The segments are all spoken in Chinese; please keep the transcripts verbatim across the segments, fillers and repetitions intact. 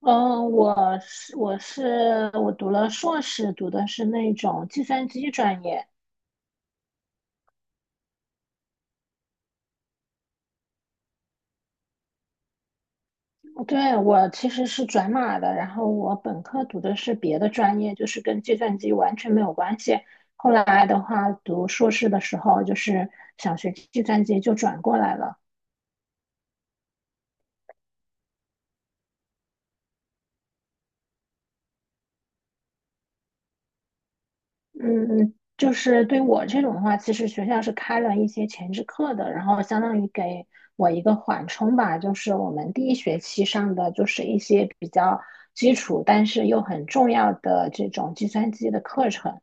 嗯，我是我是我读了硕士，读的是那种计算机专业。对，我其实是转码的，然后我本科读的是别的专业，就是跟计算机完全没有关系。后来的话，读硕士的时候就是想学计算机，就转过来了。嗯，嗯，就是对我这种的话，其实学校是开了一些前置课的，然后相当于给我一个缓冲吧。就是我们第一学期上的就是一些比较基础，但是又很重要的这种计算机的课程。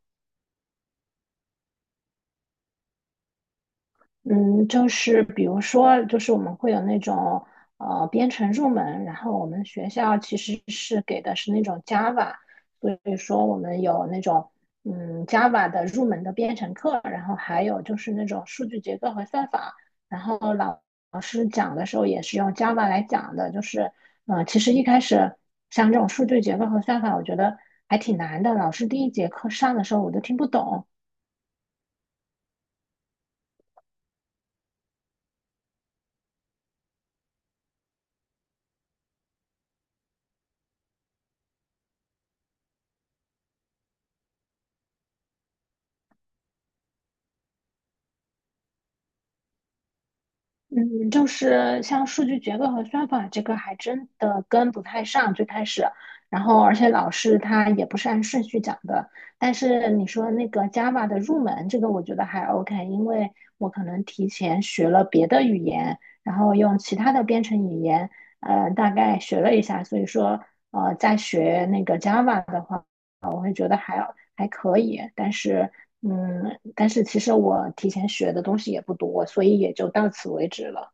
嗯，就是比如说，就是我们会有那种呃编程入门，然后我们学校其实是给的是那种 Java，所以说我们有那种嗯 Java 的入门的编程课，然后还有就是那种数据结构和算法，然后老老师讲的时候也是用 Java 来讲的，就是嗯呃其实一开始像这种数据结构和算法，我觉得还挺难的，老师第一节课上的时候我都听不懂。嗯，就是像数据结构和算法这个还真的跟不太上，最开始，然后而且老师他也不是按顺序讲的。但是你说那个 Java 的入门，这个我觉得还 OK，因为我可能提前学了别的语言，然后用其他的编程语言，呃，大概学了一下，所以说呃，在学那个 Java 的话，我会觉得还要。还可以，但是嗯，但是其实我提前学的东西也不多，所以也就到此为止了。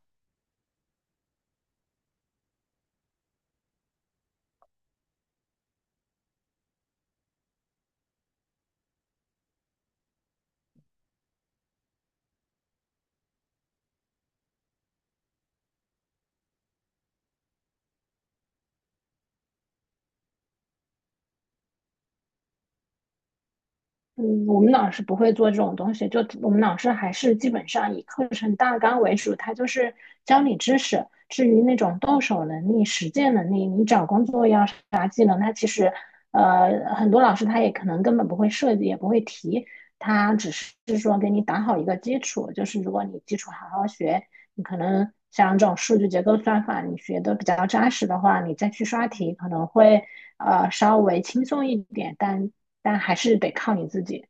嗯，我们老师不会做这种东西，就我们老师还是基本上以课程大纲为主，他就是教你知识。至于那种动手能力、实践能力，你找工作要啥技能，他其实呃很多老师他也可能根本不会设计，也不会提，他只是说给你打好一个基础，就是如果你基础好好学，你可能像这种数据结构算法，你学的比较扎实的话，你再去刷题可能会呃稍微轻松一点，但但还是得靠你自己。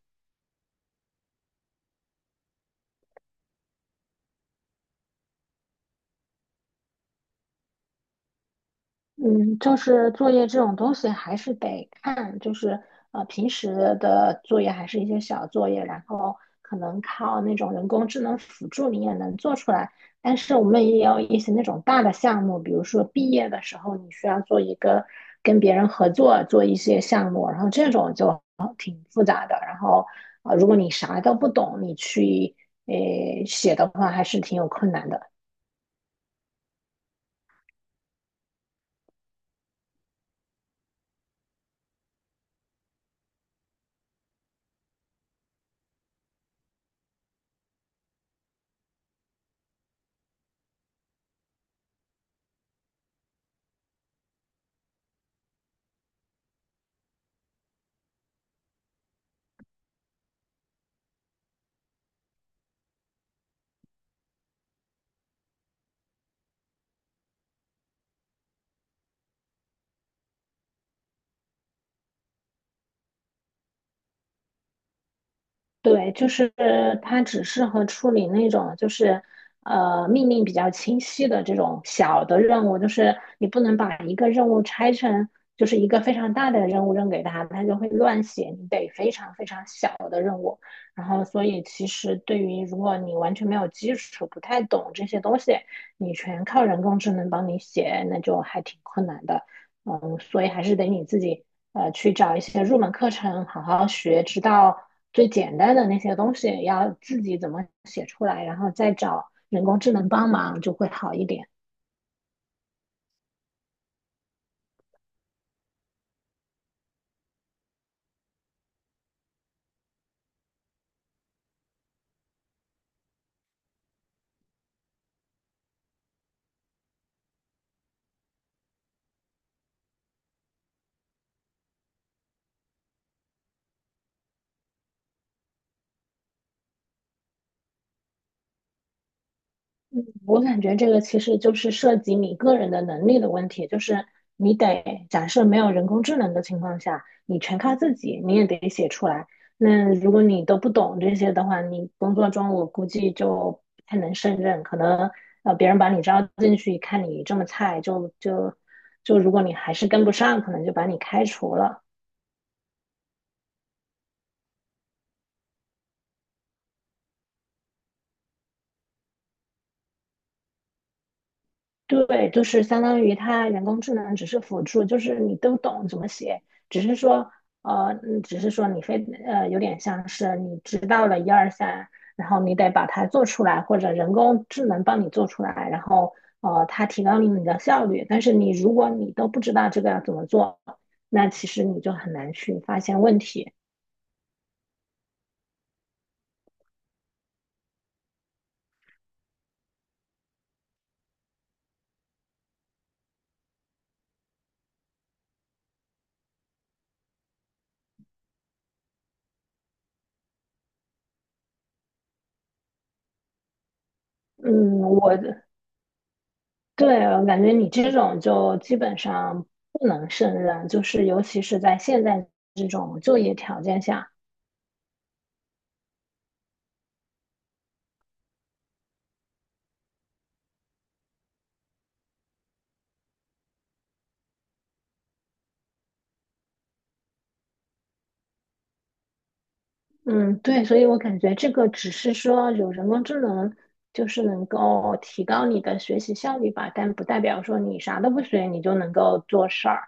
嗯，就是作业这种东西还是得看，就是呃平时的作业还是一些小作业，然后可能靠那种人工智能辅助你也能做出来。但是我们也有一些那种大的项目，比如说毕业的时候你需要做一个跟别人合作做一些项目，然后这种就挺复杂的。然后呃，如果你啥都不懂，你去呃写的话还是挺有困难的。对，就是它只适合处理那种就是呃命令比较清晰的这种小的任务，就是你不能把一个任务拆成就是一个非常大的任务扔给他，他就会乱写，你得非常非常小的任务。然后，所以其实对于如果你完全没有基础，不太懂这些东西，你全靠人工智能帮你写，那就还挺困难的。嗯，所以还是得你自己呃去找一些入门课程好好学，直到最简单的那些东西要自己怎么写出来，然后再找人工智能帮忙就会好一点。我感觉这个其实就是涉及你个人的能力的问题，就是你得假设没有人工智能的情况下，你全靠自己，你也得写出来。那如果你都不懂这些的话，你工作中我估计就不太能胜任，可能呃别人把你招进去，看你这么菜，就就就如果你还是跟不上，可能就把你开除了。对，就是相当于它人工智能只是辅助，就是你都懂怎么写，只是说，呃，嗯只是说你非呃有点像是你知道了一二三，然后你得把它做出来，或者人工智能帮你做出来，然后呃它提高了你的效率。但是你如果你都不知道这个要怎么做，那其实你就很难去发现问题。嗯，我对，我感觉你这种就基本上不能胜任，就是尤其是在现在这种就业条件下，嗯，对，所以我感觉这个只是说有人工智能，就是能够提高你的学习效率吧，但不代表说你啥都不学，你就能够做事儿。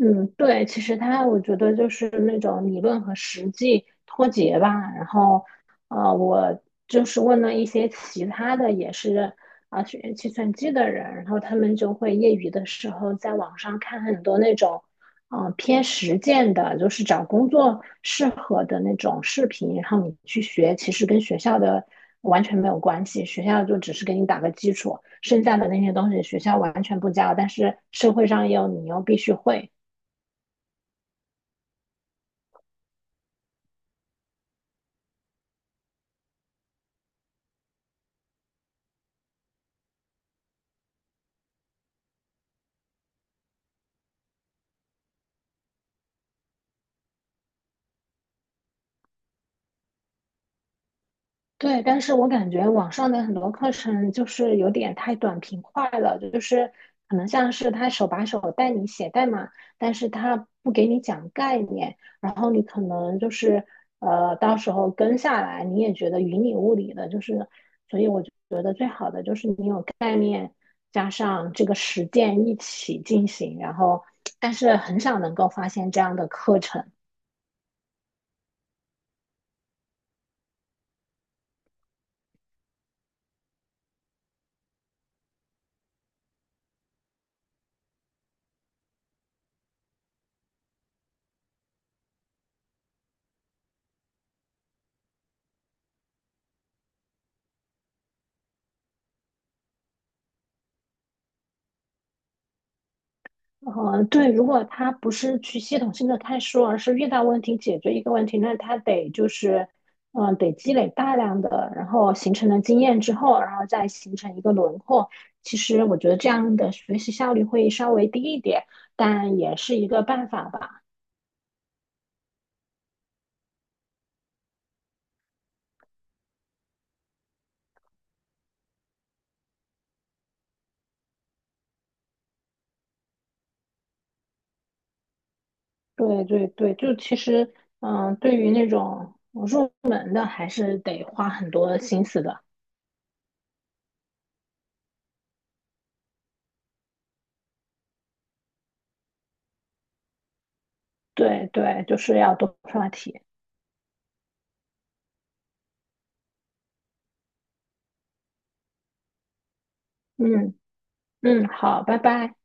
嗯，对，其实它我觉得就是那种理论和实际脱节吧。然后，呃，我就是问了一些其他的也是啊学计算机的人，然后他们就会业余的时候在网上看很多那种，嗯、偏实践的，就是找工作适合的那种视频，然后你去学，其实跟学校的完全没有关系，学校就只是给你打个基础，剩下的那些东西学校完全不教，但是社会上又你又必须会。对，但是我感觉网上的很多课程就是有点太短平快了，就是可能像是他手把手带你写代码，但是他不给你讲概念，然后你可能就是呃，到时候跟下来你也觉得云里雾里的，就是，所以我觉得最好的就是你有概念加上这个实践一起进行，然后但是很少能够发现这样的课程。呃，对，如果他不是去系统性的看书，而是遇到问题解决一个问题，那他得就是，嗯、得积累大量的，然后形成了经验之后，然后再形成一个轮廓。其实我觉得这样的学习效率会稍微低一点，但也是一个办法吧。对对对，就其实，嗯、对于那种呃入门的，还是得花很多心思的。对对，就是要多刷题。嗯嗯，好，拜拜。